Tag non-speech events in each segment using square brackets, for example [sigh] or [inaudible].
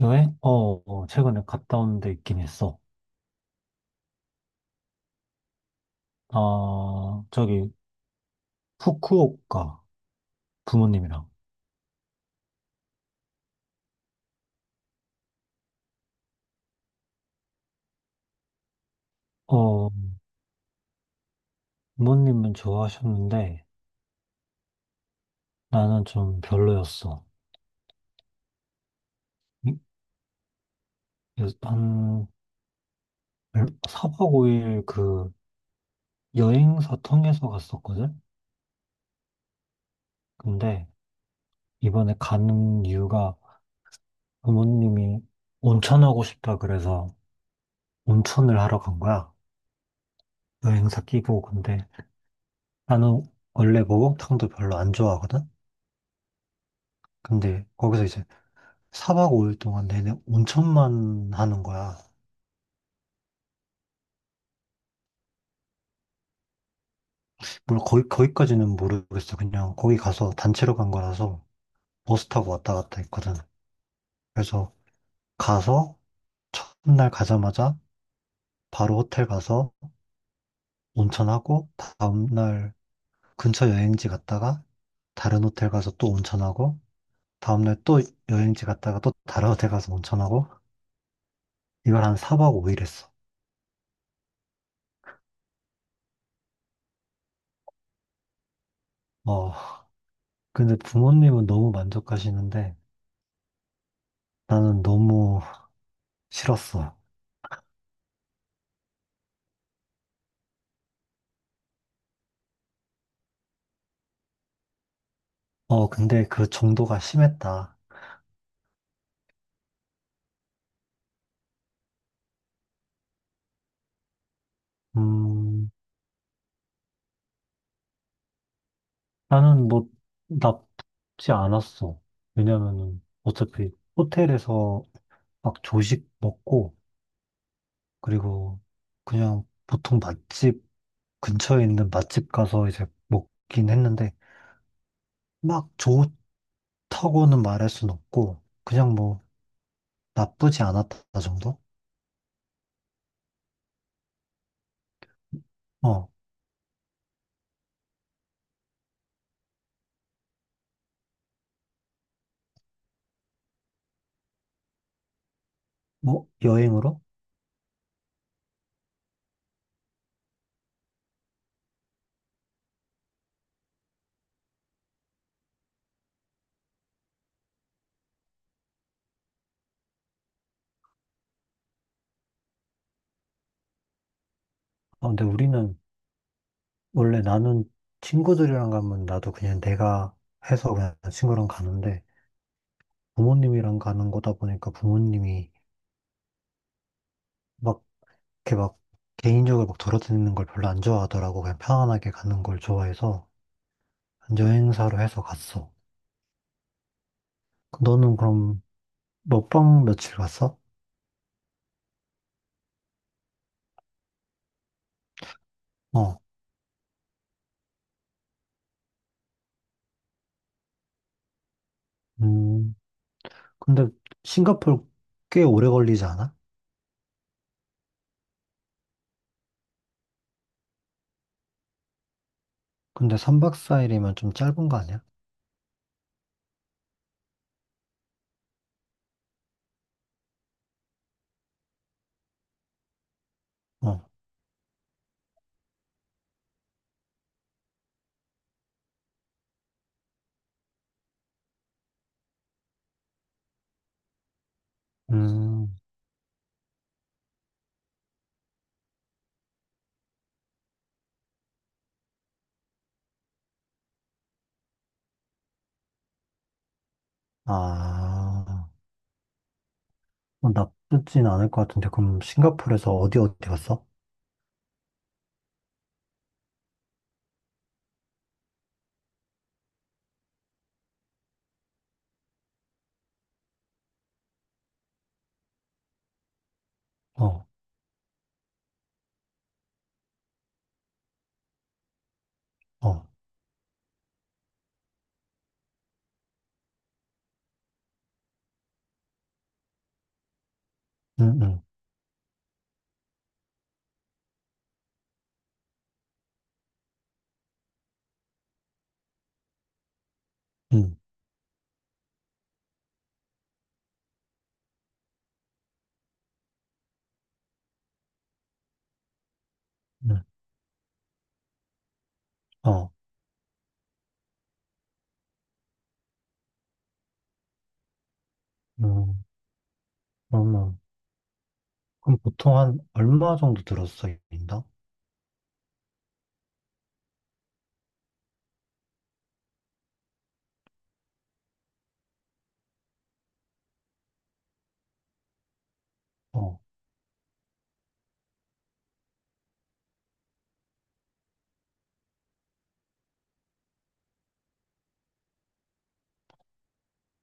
여행? 어, 어, 최근에 갔다 온 데 있긴 했어. 아, 저기, 후쿠오카, 부모님이랑. 어, 부모님은 좋아하셨는데, 나는 좀 별로였어. 이- 그래서 한, 4박 5일 여행사 통해서 갔었거든? 근데, 이번에 가는 이유가 부모님이 온천하고 싶다 그래서 온천을 하러 간 거야. 여행사 끼고. 근데, 나는 원래 목욕탕도 별로 안 좋아하거든? 근데 거기서 이제 4박 5일 동안 내내 온천만 하는 거야. 물론 거기까지는 모르겠어. 그냥 거기 가서 단체로 간 거라서 버스 타고 왔다 갔다 했거든. 그래서 가서 첫날 가자마자 바로 호텔 가서 온천하고 다음날 근처 여행지 갔다가 다른 호텔 가서 또 온천하고 다음날 또 여행지 갔다가 또 다른 호텔 가서 온천하고 이걸 한 4박 5일 했어. 어, 근데 부모님은 너무 만족하시는데 나는 너무 싫었어. 어, 근데 그 정도가 심했다. 음, 나는 뭐, 나쁘지 않았어. 왜냐면은, 어차피 호텔에서 막 조식 먹고, 그리고 그냥 보통 맛집, 근처에 있는 맛집 가서 이제 먹긴 했는데, 막 좋다고는 말할 순 없고, 그냥 뭐, 나쁘지 않았다 정도? 어, 뭐, 여행으로? 어, 근데 원래 나는 친구들이랑 가면 나도 그냥 내가 해서 그냥 친구랑 가는데, 부모님이랑 가는 거다 보니까 부모님이 막 이렇게 막 개인적으로 막 돌아다니는 걸 별로 안 좋아하더라고. 그냥 편안하게 가는 걸 좋아해서 여행사로 해서 갔어. 너는 그럼 몇 박 며칠 갔어? 어. 음. 근데 싱가포르 꽤 오래 걸리지 않아? 근데 3박 4일이면 좀 짧은 거 아니야? 어. 음. 아. 어, 나쁘진 않을 것 같은데 그럼 싱가포르에서 어디 어디 갔어? 어. 어. 응, 응, 응, 응. 어. 음. 어머, 그럼 보통 한 얼마 정도 들었어, 인당? 어,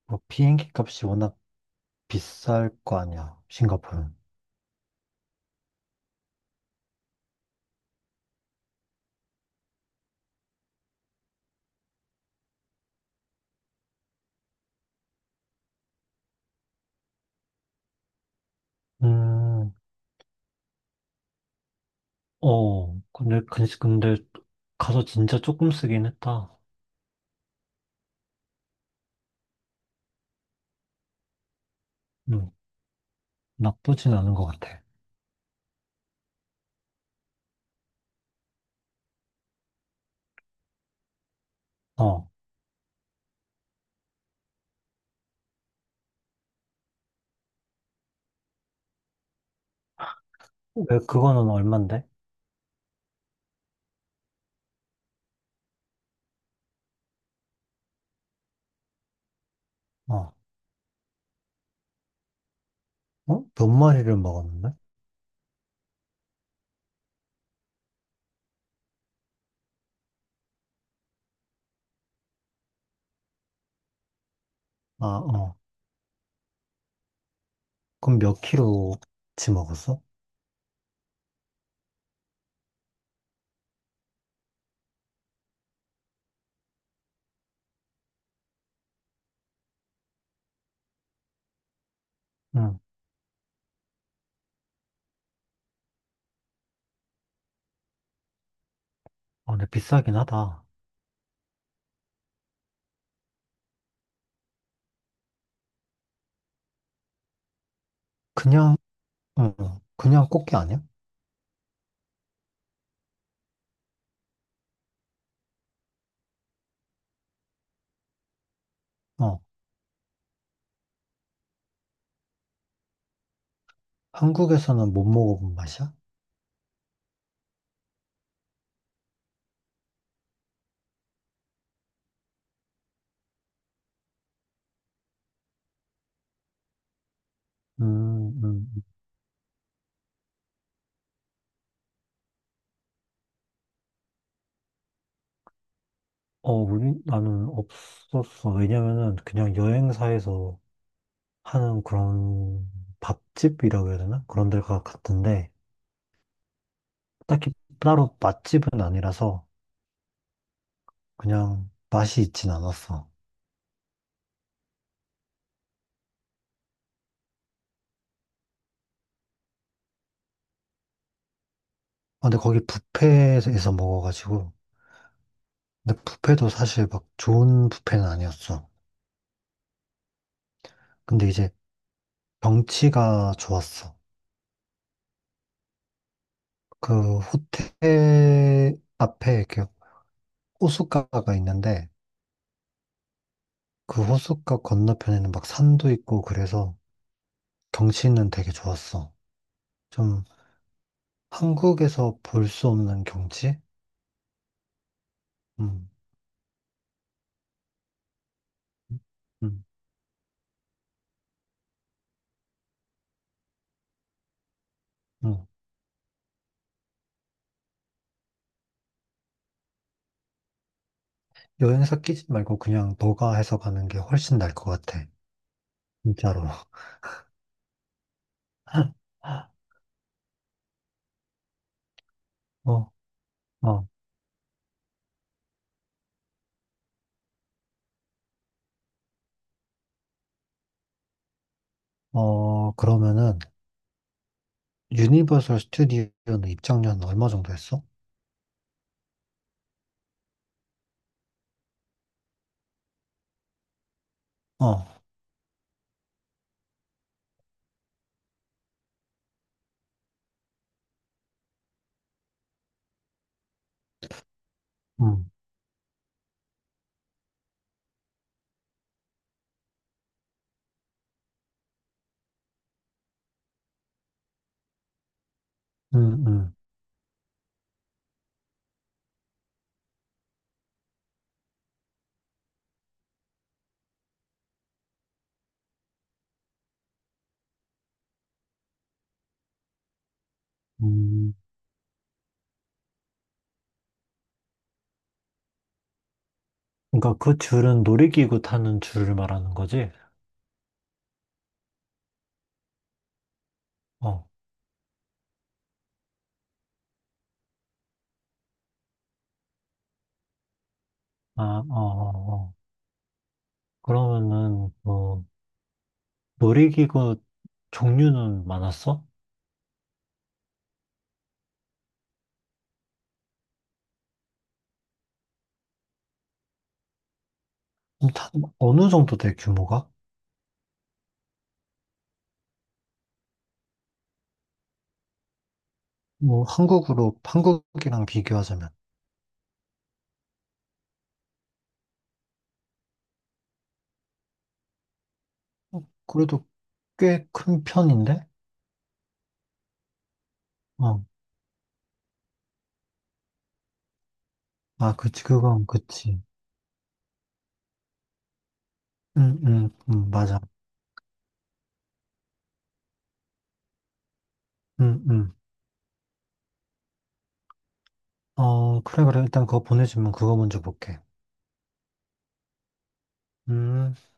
뭐 비행기 값이 워낙 비쌀 거 아니야, 싱가포르는. 음, 어, 근데 가서 진짜 조금 쓰긴 했다. 음, 나쁘진 않은 것 같아. 어, 왜 그거는 얼만데? 어, 어? 몇 마리를 먹었는데? 아, 어, 그럼 몇 킬로치 먹었어? 응, 어, 근데 비싸긴 하다. 그냥, 응, 응. 그냥 꽃게 아니야? 어, 한국에서는 못 먹어본 맛이야? 음, 음. 어, 나는 없었어. 왜냐면은 그냥 여행사에서 하는 그런 밥집이라고 해야 되나? 그런 데가 같은데, 딱히 따로 맛집은 아니라서 그냥 맛이 있진 않았어. 아, 근데 거기 뷔페에서 먹어가지고, 근데 뷔페도 사실 막 좋은 뷔페는 아니었어. 근데 이제 경치가 좋았어. 그 호텔 앞에 이렇게 호숫가가 있는데, 그 호숫가 건너편에는 막 산도 있고 그래서 경치는 되게 좋았어. 좀 한국에서 볼 수 없는 경치? 음, 음, 음. 여행사 끼지 말고 그냥 너가 해서 가는 게 훨씬 나을 것 같아. 진짜로. [laughs] 어, 어, 어, 그러면은 유니버설 스튜디오는 입장료는 얼마 정도 했어? 어, 음, 음, 음, 음. 그러니까 그 줄은 놀이기구 타는 줄을 말하는 거지? 어, 아, 어, 어, 어. 그러면은 뭐 놀이기구 종류는 많았어? 그럼 다 어느 정도 돼 규모가? 뭐 한국으로 한국이랑 비교하자면. 어, 그래도 꽤 큰 편인데? 어, 아 그치 그건 그치. 응, 응, 응, 맞아. 응, 응. 어, 그래 그래 일단 그거 보내주면 그거 먼저 볼게. 음.